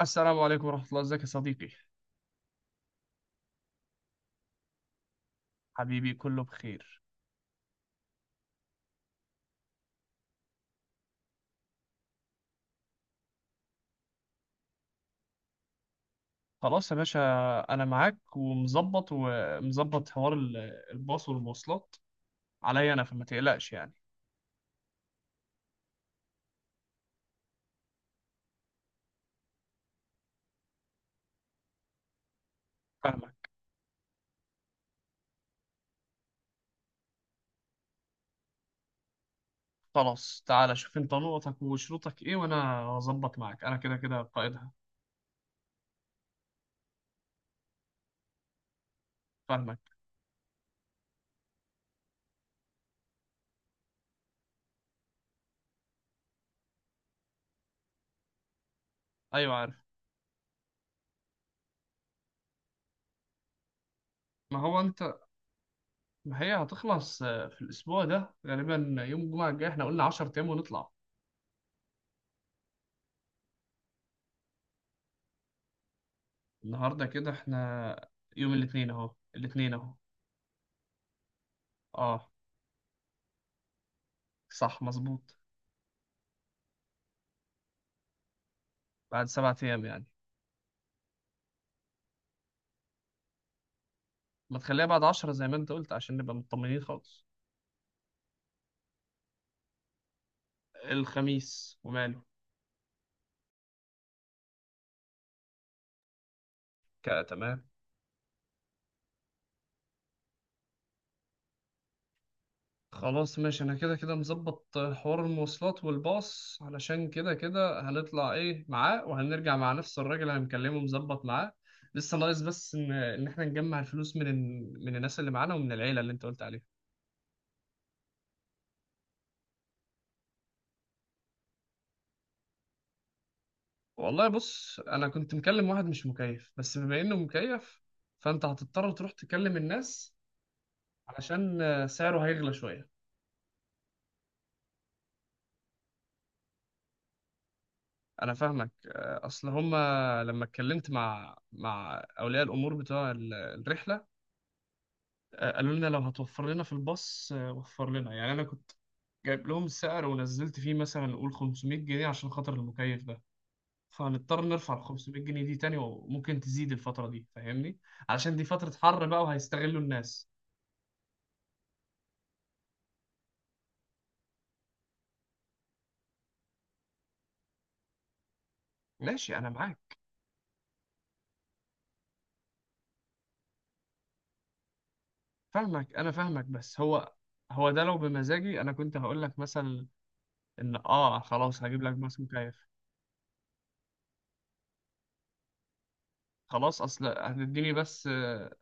السلام عليكم ورحمة الله، ازيك يا صديقي؟ حبيبي، كله بخير. خلاص يا باشا، انا معاك ومظبط حوار الباص والمواصلات عليا انا، فما تقلقش يعني. فاهمك. خلاص، تعالى شوف انت نقطك وشروطك ايه، وانا هظبط معاك، انا كده كده قائدها. فاهمك. ايوه، عارف. ما هو انت، ما هي هتخلص، في الاسبوع ده غالبا يوم الجمعة الجاي، احنا قلنا 10 ايام ونطلع. النهارده كده احنا يوم الاثنين اهو، الاثنين اهو. اه. صح، مظبوط. بعد سبعة ايام يعني؟ ما تخليها بعد 10 زي ما انت قلت، عشان نبقى مطمنين خالص. الخميس وماله. كا تمام. خلاص ماشي، انا كده كده مظبط حوار المواصلات والباص، علشان كده كده هنطلع ايه معاه، وهنرجع مع نفس الراجل اللي هنكلمه، مظبط معاه. لسه ناقص بس ان احنا نجمع الفلوس من الناس اللي معانا، ومن العيله اللي انت قلت عليها. والله بص، انا كنت مكلم واحد مش مكيف، بس بما انه مكيف فانت هتضطر تروح تكلم الناس، علشان سعره هيغلى شويه. انا فاهمك، اصل هما لما اتكلمت مع اولياء الامور بتوع الرحله، قالوا لنا لو هتوفر لنا في الباص وفر لنا يعني. انا كنت جايب لهم السعر، ونزلت فيه مثلا نقول 500 جنيه عشان خاطر المكيف ده. فهنضطر نرفع ال 500 جنيه دي تاني، وممكن تزيد الفتره دي فاهمني. عشان دي فتره حر بقى، وهيستغلوا الناس. ماشي، انا معاك. فاهمك، انا فاهمك، بس هو، هو ده لو بمزاجي انا كنت هقول لك مثلا ان اه خلاص، هجيب لك باص مكيف. خلاص، اصل هتديني بس،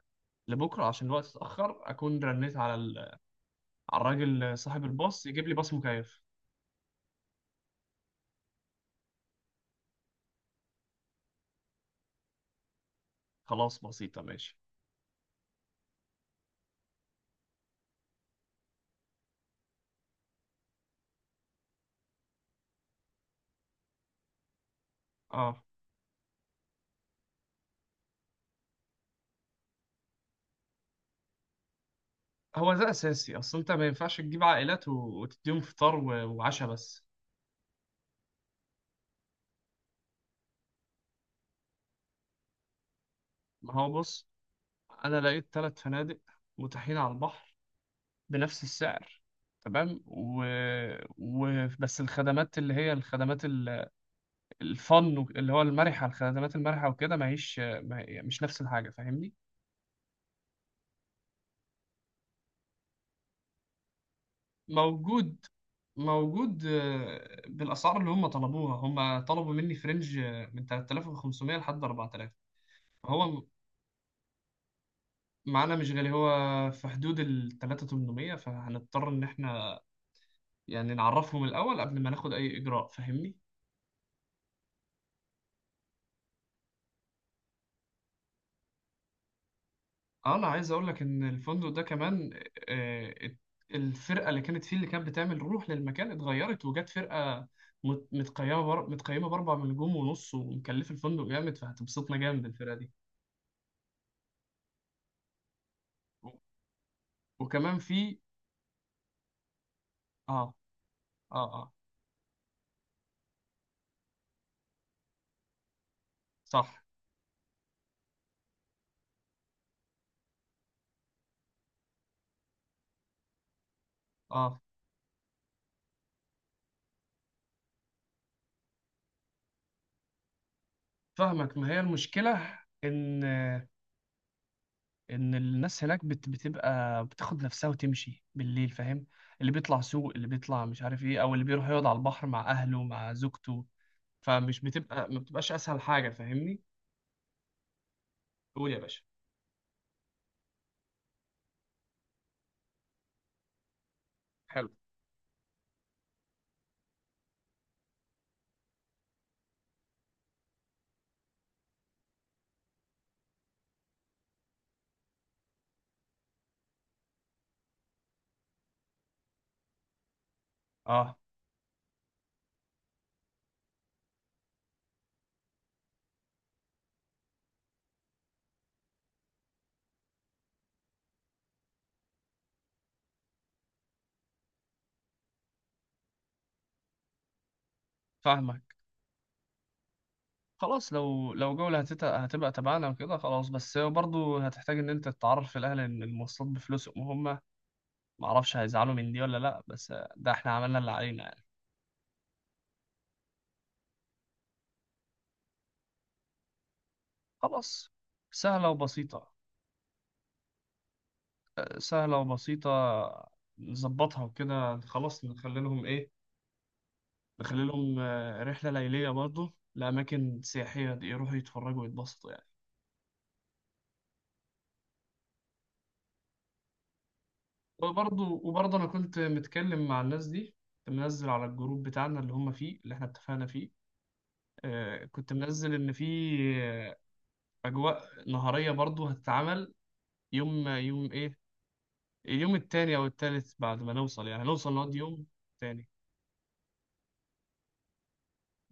لبكره عشان الوقت اتاخر اكون رنيت على الراجل صاحب الباص يجيب لي باص مكيف. خلاص، بسيطه ماشي. اه. هو ده اساسي، اصل انت ما ينفعش تجيب عائلات وتديهم فطار وعشاء بس. ما هو بص، انا لقيت ثلاث فنادق متاحين على البحر بنفس السعر. تمام، بس الخدمات اللي هي الخدمات الفن اللي هو المرحه، الخدمات المرحه وكده، ما هيش ما... هي- مش نفس الحاجه فاهمني. موجود، موجود بالاسعار اللي هم طلبوها، هم طلبوا مني في رينج، من 3500 لحد 4000. فهو معانا مش غالي، هو في حدود ال 3800. فهنضطر ان احنا يعني نعرفهم الاول قبل ما ناخد اي اجراء فاهمني. انا عايز اقول لك ان الفندق ده كمان، آه، ات- الفرقه اللي كانت فيه، اللي كانت بتعمل روح للمكان، اتغيرت وجت فرقه متقيمه باربع نجوم ونص، ومكلفه الفندق جامد، فهتبسطنا جامد الفرقه دي. وكمان في، اه، اه، اه، صح، اه، فاهمك. ما هي المشكلة ان الناس هناك بتبقى بتاخد نفسها وتمشي بالليل، فاهم. اللي بيطلع سوق، اللي بيطلع مش عارف ايه، او اللي بيروح يقعد على البحر مع اهله مع زوجته، فمش بتبقى، ما بتبقاش اسهل حاجة فاهمني. قول يا باشا. حلو، اه، فاهمك. خلاص، لو جولة هتبقى تبعنا وكده خلاص، بس برضو هتحتاج ان انت تتعرف في الاهل ان المواصلات بفلوسهم هم. معرفش هيزعلوا من دي ولا لأ، بس ده احنا عملنا اللي علينا يعني. خلاص. سهلة وبسيطة. سهلة وبسيطة، نظبطها وكده خلاص، نخلي لهم ايه، نخلي لهم رحلة ليلية برضو لأماكن سياحية، دي يروحوا يتفرجوا ويتبسطوا يعني. وبرضو أنا كنت متكلم مع الناس دي، كنت منزل على الجروب بتاعنا اللي هم فيه اللي احنا اتفقنا فيه. كنت منزل إن في آه، أجواء نهارية برضو هتتعمل. يوم يوم ايه، اليوم التاني او التالت بعد ما نوصل يعني، نوصل نقعد يوم تاني.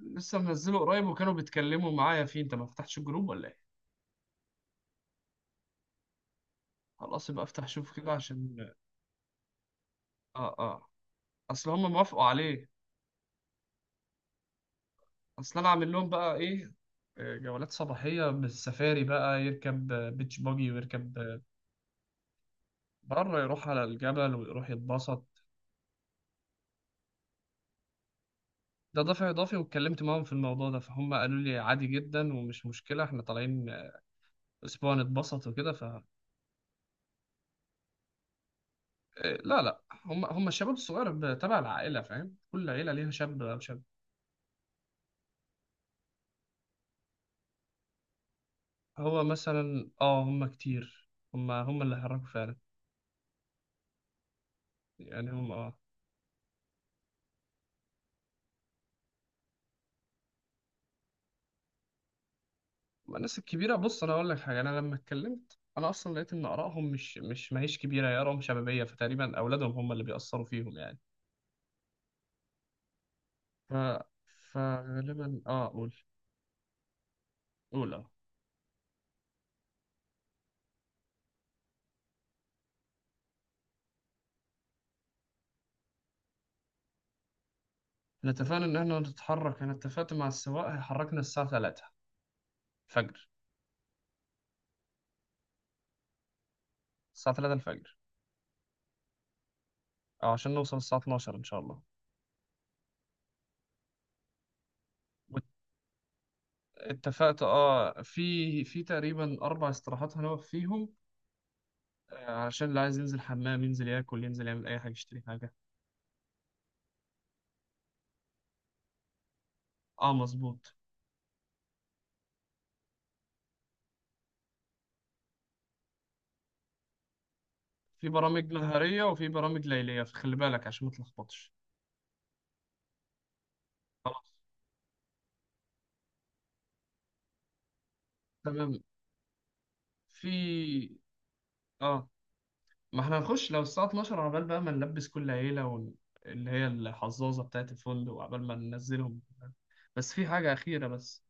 لسه منزله قريب، وكانوا بيتكلموا معايا فيه، انت ما فتحتش الجروب ولا ايه؟ خلاص، يبقى افتح شوف كده عشان. اه، اه. اصل هم موافقوا عليه. اصل انا عامل لهم بقى ايه، جولات صباحية بالسفاري، بقى يركب بيتش باجي، ويركب بره، يروح على الجبل ويروح يتبسط. ده دافع إضافي، واتكلمت معاهم في الموضوع ده فهم قالوا لي عادي جدا، ومش مشكلة، احنا طالعين أسبوع نتبسط وكده. لا، لا، هم هم الشباب الصغير تبع العائلة، فاهم. كل عيلة ليها شاب أو شاب. هو مثلا اه، هم كتير، هم هم اللي حركوا فعلا، يعني هم اه. أما الناس الكبيرة بص، أنا أقول لك حاجة. أنا لما اتكلمت، أنا أصلا لقيت إن آرائهم مش مش ما هيش كبيرة، هي آرائهم شبابية، فتقريبا أولادهم هم اللي بيأثروا فيهم يعني. ف فغالبا اه، قول، قول اه. احنا اتفقنا إن احنا نتحرك، أنا اتفقت مع السواق هيحركنا الساعة 3 الفجر، الساعة 3 الفجر، اه، عشان نوصل الساعة 12 إن شاء الله. اتفقت اه، في تقريبا اربع استراحات هنقف فيهم، علشان اللي عايز ينزل حمام، ينزل ياكل، ينزل يعمل اي حاجه يشتري حاجه. اه، مظبوط. في برامج نهاريه وفي برامج ليليه، فخلي بالك عشان ما تلخبطش. خلاص، تمام. في اه، ما احنا هنخش لو الساعه 12 عبال بقى ما نلبس كل عيله، اللي هي الحظاظه بتاعت الفندق وعبال ما ننزلهم. بس في حاجه اخيره بس.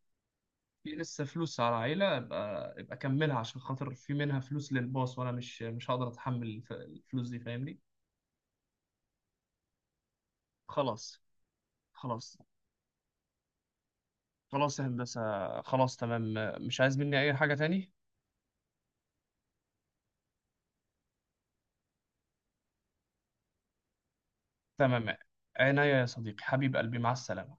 في لسه فلوس على عيلة، يبقى كملها عشان خاطر في منها فلوس للباص، وانا مش هقدر اتحمل الفلوس دي فاهمني. خلاص. خلاص. خلاص يا هندسة. خلاص، تمام. مش عايز مني اي حاجة تاني. تمام. عناية يا صديقي، حبيب قلبي، مع السلامة.